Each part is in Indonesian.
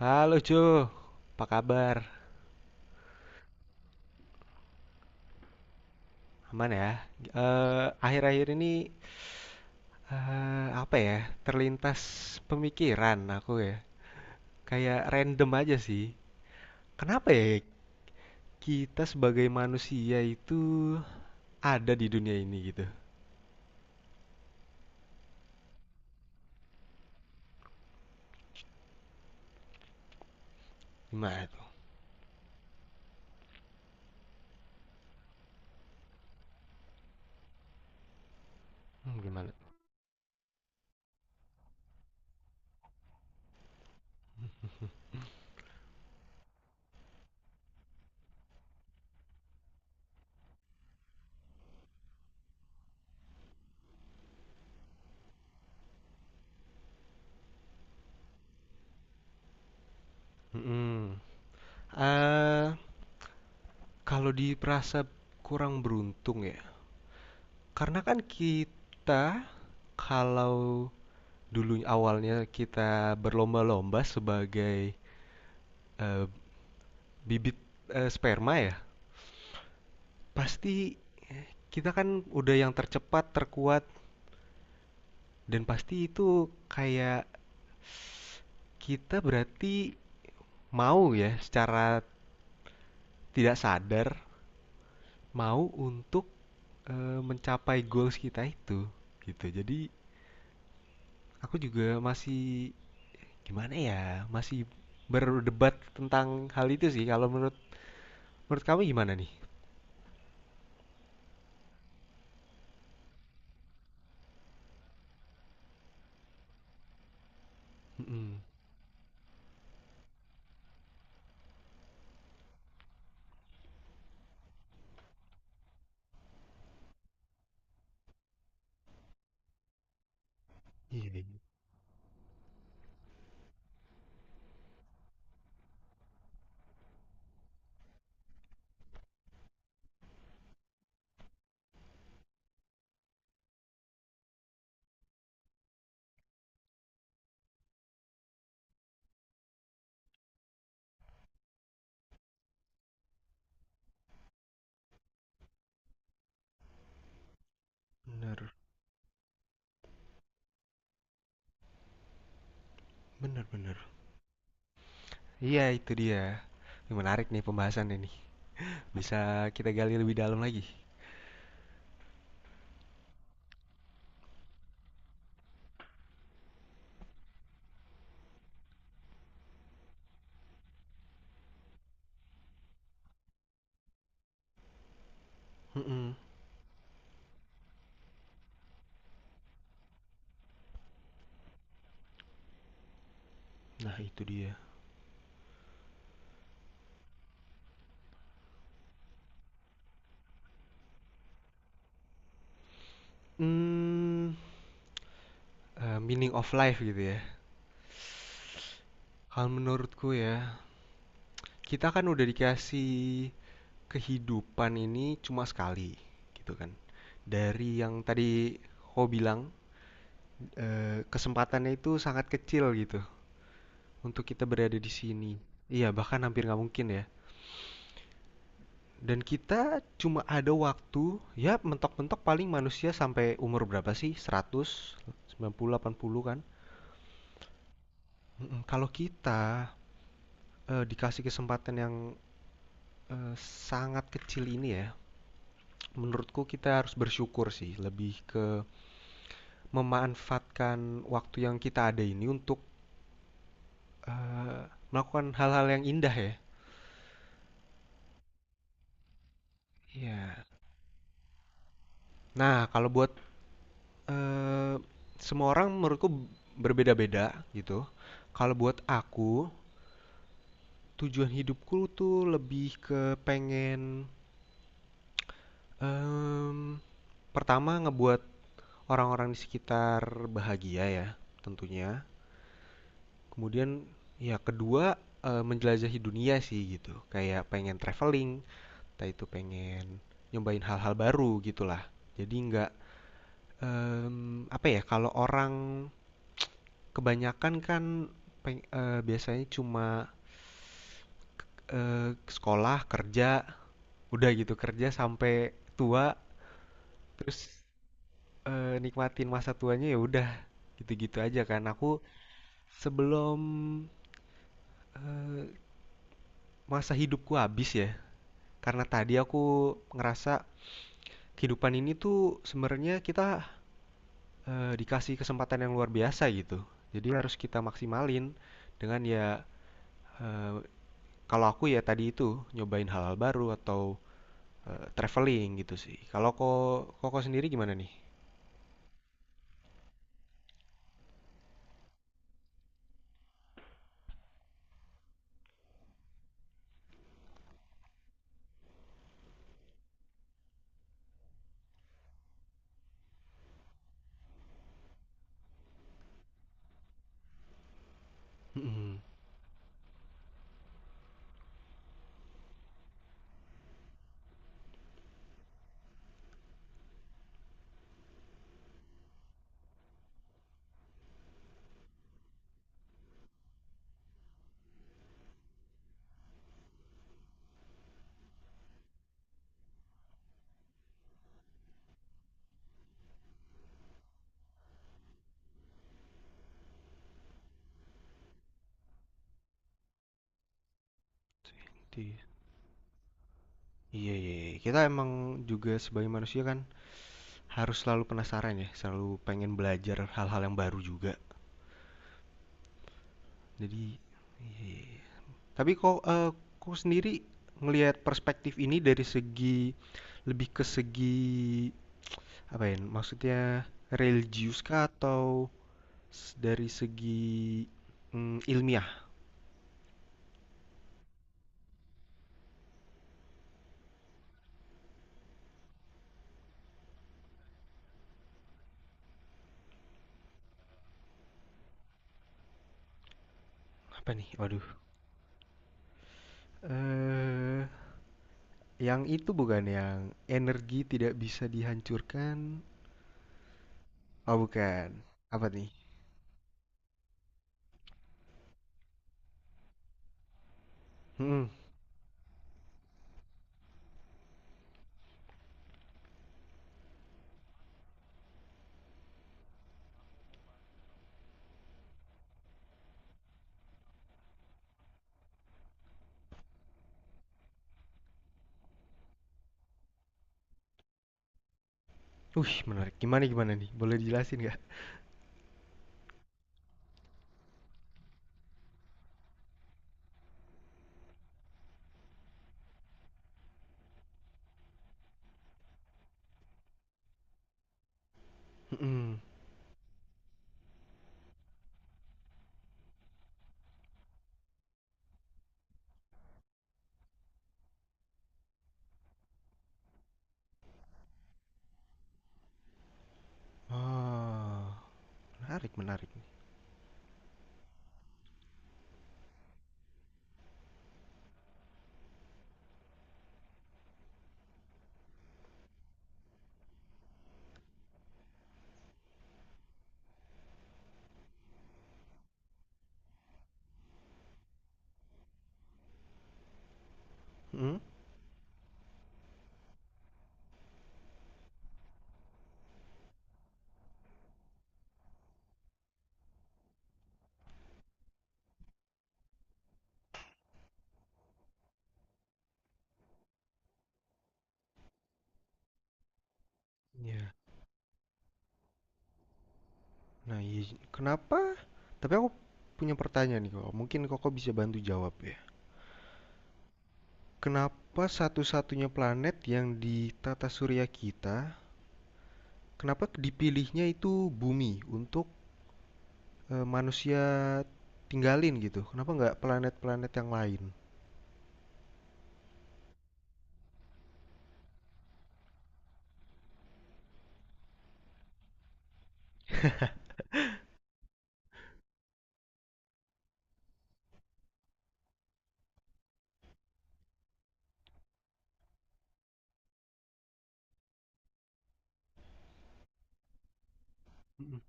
Halo Jo, apa kabar? Aman ya? Akhir-akhir ini apa ya? Terlintas pemikiran aku ya. Kayak random aja sih. Kenapa ya kita sebagai manusia itu ada di dunia ini gitu? Gimana tuh? Hmm, gimana? Mm-mm. Eh, Kalau diperasa kurang beruntung ya. Karena kan kita kalau dulu awalnya kita berlomba-lomba sebagai Eh, bibit sperma ya, pasti kita kan udah yang tercepat, terkuat, dan pasti itu kayak kita berarti mau ya secara tidak sadar mau untuk mencapai goals kita itu gitu. Jadi aku juga masih gimana ya, masih berdebat tentang hal itu sih. Kalau menurut menurut kamu gimana nih? Mm-mm. Iya, iya. Bener, bener, bener. Iya, itu dia. Ini menarik nih pembahasan ini. Bisa kita gali lebih dalam lagi. Mm-mm. Nah itu dia. Hmm, Meaning of life gitu ya. Kalau menurutku ya, kita kan udah dikasih kehidupan ini cuma sekali, gitu kan. Dari yang tadi kau bilang, kesempatannya itu sangat kecil gitu untuk kita berada di sini. Iya, bahkan hampir nggak mungkin ya. Dan kita cuma ada waktu, ya mentok-mentok paling manusia sampai umur berapa sih? 100, 90, 80 kan? Mhm, kalau kita, dikasih kesempatan yang, eee, sangat kecil ini ya, menurutku kita harus bersyukur sih, lebih ke memanfaatkan waktu yang kita ada ini untuk, melakukan hal-hal yang indah ya. Iya. Nah, kalau buat, eee, semua orang menurutku berbeda-beda gitu. Kalau buat aku, tujuan hidupku tuh lebih ke pengen, mmm, pertama ngebuat orang-orang di sekitar bahagia ya, tentunya. Kemudian ya kedua, menjelajahi dunia sih gitu, kayak pengen traveling entah itu pengen nyobain hal-hal baru gitulah. Jadi nggak, apa ya, kalau orang kebanyakan kan biasanya cuma, sekolah, kerja, udah gitu kerja sampai tua, terus, nikmatin masa tuanya ya udah gitu-gitu aja kan. Aku sebelum masa hidupku habis ya karena tadi aku ngerasa kehidupan ini tuh sebenarnya kita dikasih kesempatan yang luar biasa gitu jadi harus kita maksimalin dengan ya eh, kalau aku ya tadi itu nyobain hal-hal baru atau traveling gitu sih kalau koko sendiri gimana nih? Mm-mm. Di- Iya, iya, iya. Kita emang juga sebagai manusia kan harus selalu penasaran ya, selalu pengen belajar hal-hal yang baru juga. Jadi, iya, iya, iya. Tapi kok sendiri ngelihat perspektif ini dari segi lebih ke segi apa ya, maksudnya religius kah atau dari segi, ilmiah? Apa nih? Waduh, eee, yang itu bukan, yang energi tidak bisa dihancurkan? Oh, bukan. Apa nih? Mhm. Wih, menarik. Gimana gimana nih? Boleh dijelasin nggak? Mhm. Oh, menarik menarik. Mhm? Ya. Nah, iya, kenapa tapi aku punya pertanyaan nih kok. Mungkin Koko bisa bantu jawab ya. Kenapa satu-satunya planet yang di tata surya kita, kenapa dipilihnya itu bumi untuk manusia tinggalin gitu? Kenapa nggak planet-planet yang lain? Mm-mm.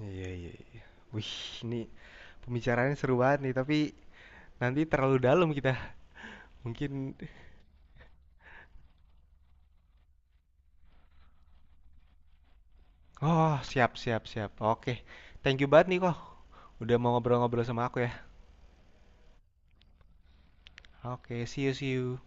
Iya, iya, iya. Wih, ini pembicaraannya seru banget nih, tapi nanti terlalu dalam kita. Mungkin... Oh, siap, siap, siap. Oke. Thank you banget nih kok. Udah mau ngobrol-ngobrol sama aku ya. Oke, see you, see you.